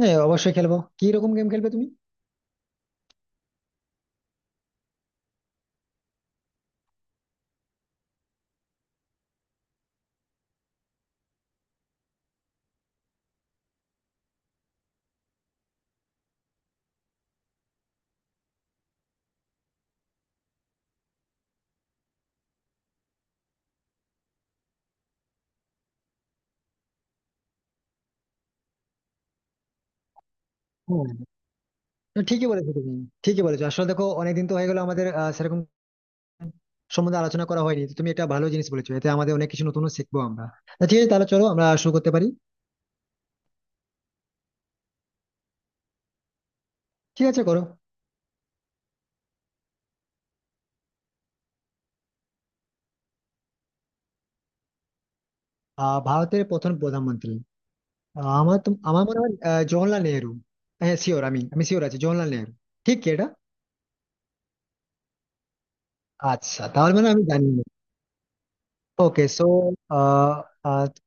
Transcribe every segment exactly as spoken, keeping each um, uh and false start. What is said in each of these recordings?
হ্যাঁ অবশ্যই খেলবো। কি রকম গেম খেলবে তুমি? হ্যাঁ। না, ঠিকই বলেছো তুমি। ঠিকই বলেছো, আসলে দেখো অনেকদিন তো হয়ে গেলো আমাদের আহ, সেরকম সম্বন্ধে আলোচনা করা হয়নি। তো তুমি একটা ভালো জিনিস বলেছো, এতে আমাদের অনেক কিছু নতুন শিখবো আমরা। তা ঠিক আছে, তাহলে চলো আমরা শুরু করতে পারি। ঠিক আছে, করো। আহ ভারতের প্রথম প্রধানমন্ত্রী। আহ, আমার তো আমার মনে হয় আহ, জওহরলাল নেহেরু। হ্যাঁ, শিওর, আমি আমি শিওর আছি, জওহরলাল নেহেরু। ঠিক কি এটা? আচ্ছা, তাহলে মানে আমি জানি না। ওকে, সো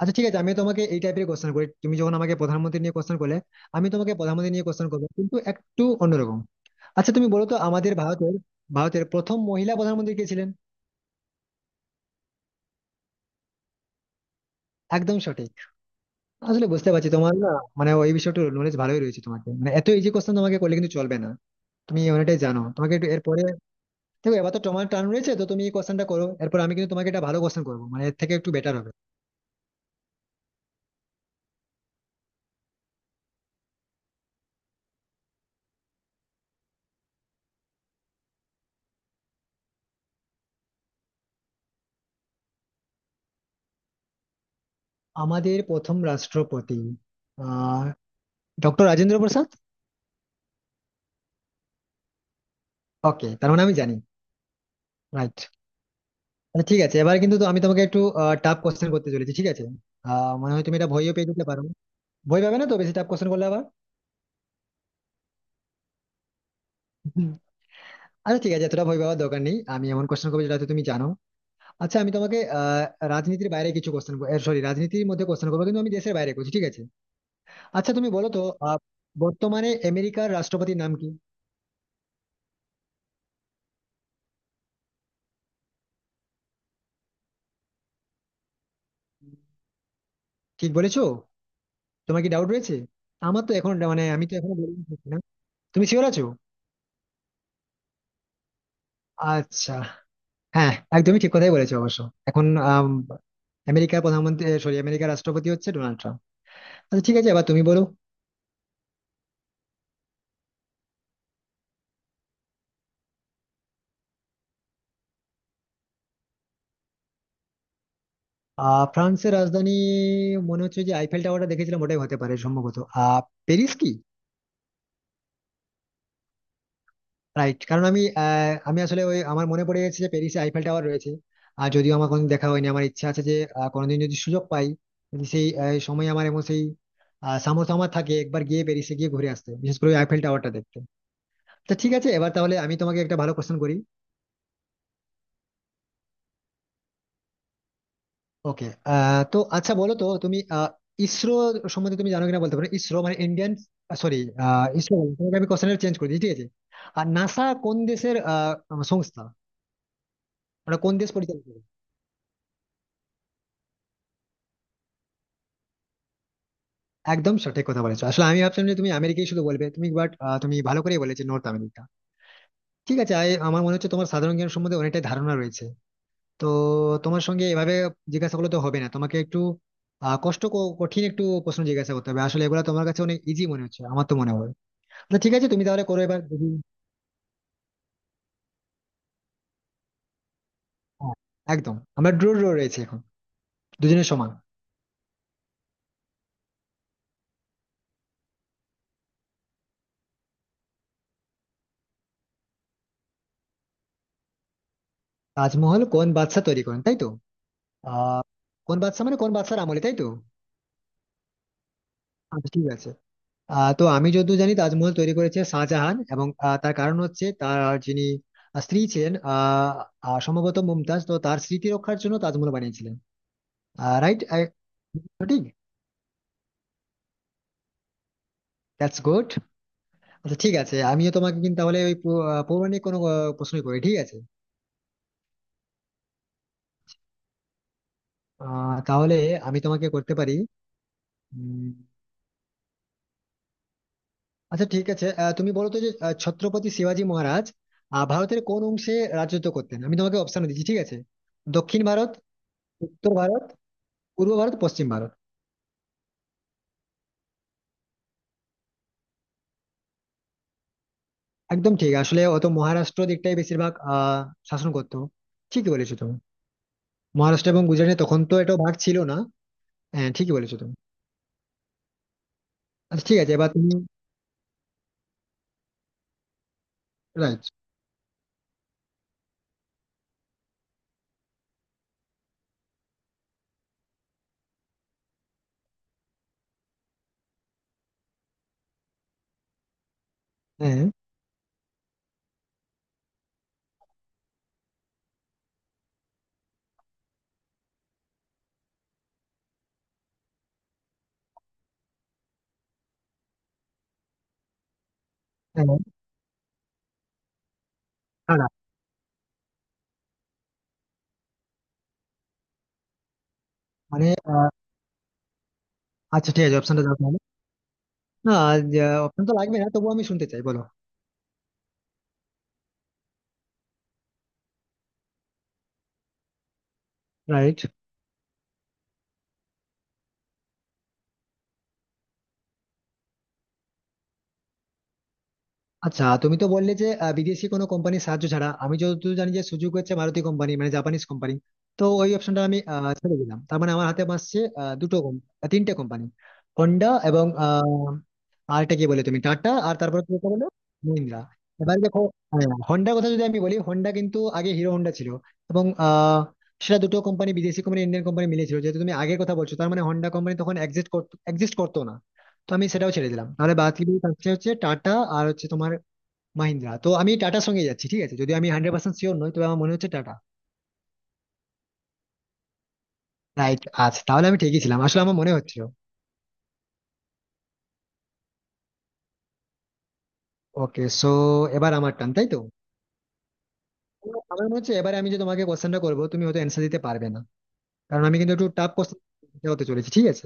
আচ্ছা ঠিক আছে, আমি তোমাকে এই টাইপের কোশ্চেন করি। তুমি যখন আমাকে প্রধানমন্ত্রী নিয়ে কোশ্চেন করলে, আমি তোমাকে প্রধানমন্ত্রী নিয়ে কোশ্চেন করবো, কিন্তু একটু অন্যরকম। আচ্ছা, তুমি বলো তো আমাদের ভারতের ভারতের প্রথম মহিলা প্রধানমন্ত্রী কে ছিলেন? একদম সঠিক। আসলে বুঝতে পারছি তোমার না মানে ওই বিষয়টা নলেজ ভালোই রয়েছে তোমাকে, মানে এত ইজি কোশ্চেন তোমাকে করলে কিন্তু চলবে না। তুমি অনেকটাই জানো, তোমাকে একটু এরপরে। দেখো এবার তো তোমার টার্ন রয়েছে, তো তুমি এই কোশ্চেনটা করো, এরপর আমি কিন্তু তোমাকে একটা ভালো কোশ্চেন করবো, মানে এর থেকে একটু বেটার হবে। আমাদের প্রথম রাষ্ট্রপতি আহ ডক্টর রাজেন্দ্র প্রসাদ। ওকে, তার মানে আমি জানি। রাইট। ঠিক আছে, এবার কিন্তু তো আমি তোমাকে একটু টাফ কোশ্চেন করতে চলেছি, ঠিক আছে? আহ, মনে হয় তুমি এটা ভয়ও পেয়ে যেতে পারো। ভয় পাবে না তো বেশি টাফ কোশ্চেন করলে আবার? হুম। আচ্ছা ঠিক আছে, এতটা ভয় পাওয়ার দরকার নেই, আমি এমন কোশ্চেন করবো যেটা হয়তো তুমি জানো। আচ্ছা আমি তোমাকে আহ রাজনীতির বাইরে কিছু কোশ্চেন, সরি রাজনীতির মধ্যে কোশ্চেন করবো, কিন্তু আমি দেশের বাইরে করছি, ঠিক আছে? আচ্ছা তুমি বলো তো, আহ, বর্তমানে আমেরিকার রাষ্ট্রপতির নাম কি? ঠিক বলেছো। তোমার কি ডাউট রয়েছে? আমার তো এখন মানে আমি তো এখনো বলিনি ঠিক না। তুমি শিওর আছো? আচ্ছা। হ্যাঁ, একদমই ঠিক কথাই বলেছো অবশ্য। এখন আম, আমেরিকার প্রধানমন্ত্রী সরি আমেরিকার রাষ্ট্রপতি হচ্ছে ডোনাল্ড ট্রাম্প। আচ্ছা ঠিক আছে, এবার তুমি বলো। আহ ফ্রান্সের রাজধানী। মনে হচ্ছে যে আইফেল টাওয়ারটা দেখেছিলাম, ওটাই হতে পারে সম্ভবত। আহ প্যারিস কি? রাইট, কারণ আমি আহ, আমি আসলে ওই আমার মনে পড়ে গেছে যে প্যারিসে আইফেল টাওয়ার রয়েছে। আর যদিও আমার কোনোদিন দেখা হয়নি, আমার ইচ্ছা আছে যে আহ, কোনোদিন যদি সুযোগ পাই, যদি সেই আহ, সময় আমার এমন সেই আহ, সামর্থ্য আমার থাকে, একবার গিয়ে প্যারিসে গিয়ে ঘুরে আসতে, বিশেষ করে আইফেল টাওয়ারটা দেখতে। তো ঠিক আছে, এবার তাহলে আমি তোমাকে একটা ভালো কোশ্চেন করি। ওকে আহ তো আচ্ছা বলো তো তুমি, আহ, ইসরো সম্বন্ধে তুমি জানো কিনা বলতে পারো। ইসরো মানে ইন্ডিয়ান সরি, ইসরো বললাম, তোমাকে আমি কোশ্চেন চেঞ্জ করে দিই ঠিক আছে। আর নাসা কোন দেশের আহ, সংস্থা? ওটা কোন দেশ পরিচালিত করে? একদম সঠিক কথা বলেছো। আসলে আমি ভাবছিলাম যে তুমি আমেরিকাই শুধু বলবে তুমি, বাট তুমি ভালো করেই বলেছো নর্থ আমেরিকা। ঠিক আছে আই- আমার মনে হচ্ছে তোমার সাধারণ জ্ঞান সম্বন্ধে অনেকটাই ধারণা রয়েছে। তো তোমার সঙ্গে এভাবে জিজ্ঞাসা করলে তো হবে না, তোমাকে একটু আহ, কষ্ট ক- কঠিন একটু প্রশ্ন জিজ্ঞাসা করতে হবে। আসলে এগুলো তোমার কাছে অনেক ইজি মনে হচ্ছে আমার তো মনে হয়। না ঠিক আছে, তুমি তাহলে করো, এবার দেখি। হ্যাঁ, একদম, আমরা ড্র ড্র রয়েছে এখন, দুজনের সমান। তাজমহল কোন বাদশা তৈরি করেন তাই তো? আহ কোন বাদশা মানে কোন বাদশার আমলে তাই তো? আচ্ছা ঠিক আছে। আহ তো আমি যতদূর জানি তাজমহল তৈরি করেছে শাহজাহান, এবং আহ, তার কারণ হচ্ছে তার যিনি স্ত্রী ছিলেন আহ আহ, সম্ভবত মুমতাজ, তো তার স্মৃতি রক্ষার জন্য তাজমহল বানিয়েছিলেন। রাইট। ঠিক। That's good. আচ্ছা ঠিক আছে, আমিও তোমাকে কিন্তু তাহলে ওই পৌ- আহ, পৌরাণিক কোনো আহ, প্রশ্নই করি, ঠিক আছে? আহ তাহলে আমি তোমাকে করতে পারি, উম, আচ্ছা ঠিক আছে, আহ, তুমি বলো তো যে আহ, ছত্রপতি শিবাজী মহারাজ আহ, ভারতের কোন অংশে রাজত্ব করতেন? আমি তোমাকে অপশন দিচ্ছি ঠিক আছে। দক্ষিণ ভারত, উত্তর ভারত, পূর্ব ভারত, পশ্চিম ভারত। একদম ঠিক। আসলে অত মহারাষ্ট্র দিকটাই বেশিরভাগ আহ শাসন করতো। ঠিকই বলেছো তুমি। মহারাষ্ট্র এবং গুজরাটে, তখন তো এটা ভাগ ছিল না। হ্যাঁ ঠিকই বলেছো তুমি। আচ্ছা ঠিক আছে, এবার তুমি। রাইট। হ্যাঁ। হ্যাঁ না, না, মানে আহ, আচ্ছা ঠিক আছে, অপশনটা দাও তাহলে। না, অপশন তো লাগবে না, তবুও আমি শুনতে চাই, বলো। রাইট। আচ্ছা তুমি তো বললে যে আহ, বিদেশি কোনো কোম্পানির সাহায্য ছাড়া, আমি যতদূর জানি যে সুযোগ হচ্ছে ভারতীয় কোম্পানি মানে জাপানিজ কোম্পানি, তো ওই অপশনটা আমি আহ, ছেড়ে দিলাম। তার মানে আমার হাতে বাঁচছে আহ, দুটো com- আহ, তিনটে কোম্পানি। হন্ডা এবং আহ, আরেকটা কি বলে তুমি, টাটা, আর তারপরে তুমি বলে মহিন্দ্রা। এবার দেখো, হ্যাঁ, হন্ডার কথা যদি আমি বলি, হন্ডা কিন্তু আগে হিরো হন্ডা ছিল, এবং আহ, সেটা দুটো কোম্পানি, বিদেশি কোম্পানি ইন্ডিয়ান কোম্পানি মিলেছিল। যেহেতু তুমি আগের কথা বলছো, তার মানে হন্ডা কোম্পানি তখন এক্সিস্ট করতো, এক্সিস্ট করতো না। তো আমি সেটাও ছেড়ে দিলাম, তাহলে বাদ কি থাকছে, হচ্ছে টাটা আর হচ্ছে তোমার মাহিন্দ্রা। তো আমি টাটার সঙ্গে যাচ্ছি ঠিক আছে, যদি আমি হান্ড্রেড পার্সেন্ট শিওর নই, তবে আমার মনে হচ্ছে টাটা। রাইট। আচ্ছা তাহলে আমি ঠিকই ছিলাম, আসলে আমার মনে হচ্ছিল। ওকে সো এবার আমার টান তাই তো? তো আমার মনে হচ্ছে এবারে আমি যে তোমাকে কোশ্চেনটা করবো, তুমি হয়তো অ্যান্সার দিতে পারবে না, কারণ আমি কিন্তু একটু টাফ কোশ্চেন হতে চলেছি ঠিক আছে।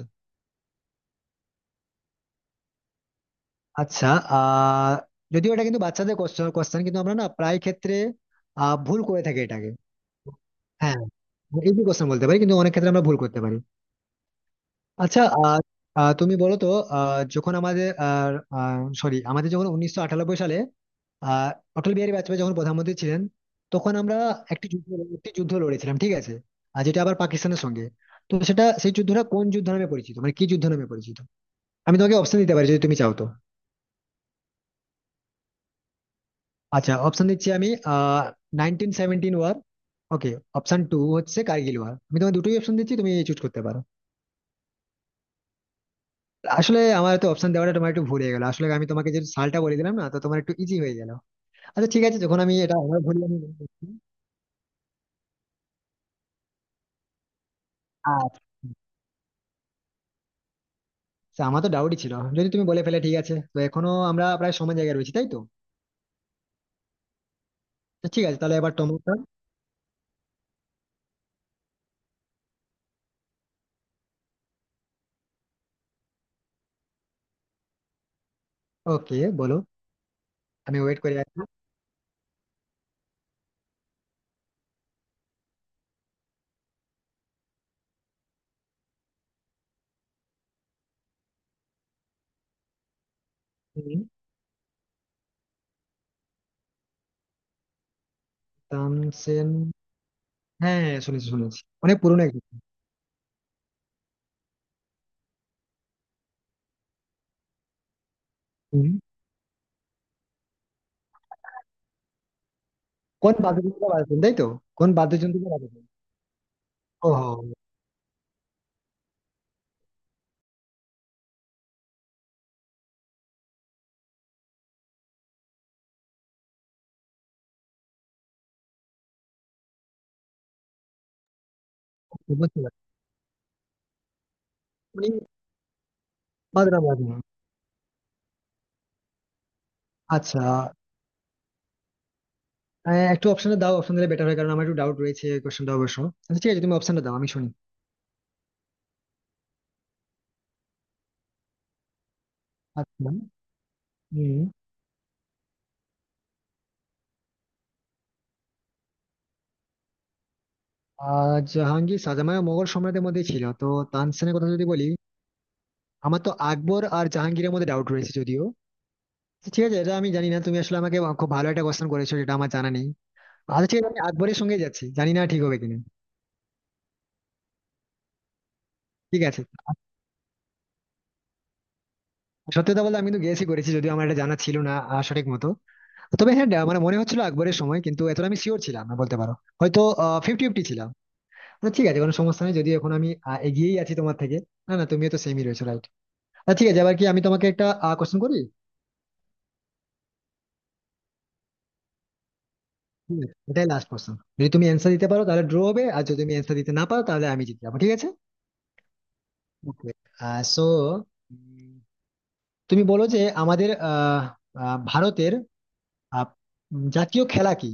আচ্ছা। আহ যদিও এটা কিন্তু বাচ্চাদের কোশ্চেন, কিন্তু আমরা না প্রায় ক্ষেত্রে আহ ভুল করে থাকি এটাকে। হ্যাঁ, ইজি কোশ্চেন বলতে পারি কিন্তু অনেক ক্ষেত্রে আমরা ভুল করতে পারি। আচ্ছা, আহ, আহ, তুমি বলো তো আহ, যখন আমাদের সরি, আমাদের যখন উনিশশো আটানব্বই সালে, আহ অটল বিহারী বাজপেয়ী যখন প্রধানমন্ত্রী ছিলেন, তখন আমরা একটি যুদ্ধ একটি যুদ্ধ লড়েছিলাম ঠিক আছে, আর যেটা আবার পাকিস্তানের সঙ্গে। তো সেটা সেই যুদ্ধটা কোন যুদ্ধ নামে পরিচিত, মানে কি যুদ্ধ নামে পরিচিত? আমি তোমাকে অপশন দিতে পারি যদি তুমি চাও। তো আচ্ছা, অপশন দিচ্ছি আমি। আহ nineteen seventeen war, okay, option two হচ্ছে কার্গিল ওয়ার। আমি তোমাকে দুটোই অপশন দিচ্ছি, তুমি চুজ করতে পারো। আসলে আমার তো অপশন দেওয়াটা তোমার একটু ভুল হয়ে গেল, আসলে আমি তোমাকে যে সালটা বলে দিলাম না, তো তোমার একটু ইজি হয়ে গেল। আচ্ছা ঠিক আছে, যখন আমি এটা আমার ভুল আমি। আচ্ছা। আচ্ছা, আমার তো ডাউটই ছিল যদি তুমি বলে ফেলে ঠিক আছে, তো এখনো আমরা প্রায় সমান জায়গায় রয়েছি তাই তো। তো ঠিক আছে তাহলে এবার টমেটো। ওকে বলো। আমি ওয়েট করে আছি। হুম, তানসেন। হ্যাঁ হ্যাঁ, শুনেছি শুনেছি, অনেক পুরোনো একজন। হুম। কোন বাদ্যযন্ত্র বাজাতেন তাই তো? কোন বাদ্যযন্ত্র বাজাতেন? ও। বুঝতে পারছি। উনি বাজনা বাজান। আচ্ছা আহ, একটু অপশনটা দাও, অপশন দিলে বেটার হয়, কারণ আমার একটু ডাউট রয়েছে এই কোশ্চেনটা অবশ্য। আচ্ছা ঠিক আছে, তুমি অপশনটা দাও আমি শুনি। আচ্ছা। হুম। আহ জাহাঙ্গীর শাহজাহান মোগল সম্রাটের মধ্যে ছিল তো। তানসেনের কথা যদি বলি, আমার তো আকবর আর জাহাঙ্গীরের মধ্যে ডাউট রয়েছে যদিও। তো ঠিক আছে, এটা আমি জানি না। তুমি আসলে আমাকে খুব ভালো একটা কোশ্চেন করেছো যেটা আমার জানা নেই। আচ্ছা ঠিক আছে, আমি আকবরের সঙ্গে যাচ্ছি, জানি না ঠিক হবে কিনা। ঠিক আছে। সত্যি কথা বলতে আমি কিন্তু গেসই করেছি, যদিও আমার এটা জানা ছিল না আহ, সঠিক মতো। তবে হ্যাঁ ডা- মানে মনে হচ্ছিল আকবরের সময়, কিন্তু এতটা আমি শিওর ছিলাম না বলতে পারো, হয়তো ফিফটি ফিফটি ছিলাম। তো ঠিক আছে কোনো সমস্যা নেই, যদিও এখন আমি আহ, এগিয়েই আছি তোমার থেকে। না না তুমিও তো সেমই রয়েছো, রাইট। আচ্ছা ঠিক আছে, এবার কি আমি তোমাকে একটা কোশ্চেন করি। ঠিক আছে, এটাই লাস্ট কোশ্চেন, যদি তুমি অ্যান্সার দিতে পারো তাহলে ড্র হবে, আর যদি তুমি অ্যান্সার দিতে না পারো তাহলে আমি জিতে যাবো ঠিক আছে। ওকে সো তুমি বলো যে আমাদের আহ, আহ, ভারতের আহ, উম, জাতীয় খেলা কি?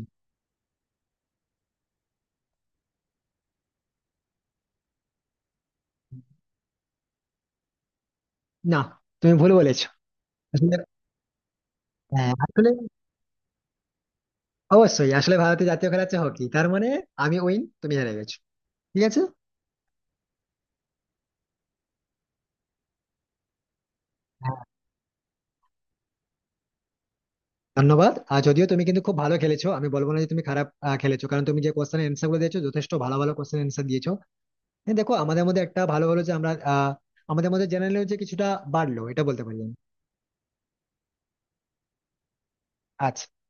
না, তুমি ভুল বলেছো। আসলে, হ্যাঁ আসলে, অবশ্যই আসলে ভারতের জাতীয় খেলা হচ্ছে হকি। তার মানে আমি উইন, তুমি হেরে গেছো ঠিক আছে। হ্যাঁ, ধন্যবাদ। আর যদিও তুমি কিন্তু খুব ভালো খেলেছো, আমি বলবো না যে তুমি খারাপ আহ, খেলেছো, কারণ তুমি যে কোশ্চেন অ্যান্সার গুলো দিয়েছো যথেষ্ট ভালো ভালো কোশ্চেন অ্যান্সার দিয়েছো। হ্যাঁ, দেখো আমাদের মধ্যে একটা ভালো ভালো যে আমরা আহ, আমাদের মধ্যে জেনারেল যে কিছুটা বাড়লো, এটা বলতে পারি আমি। আচ্ছা।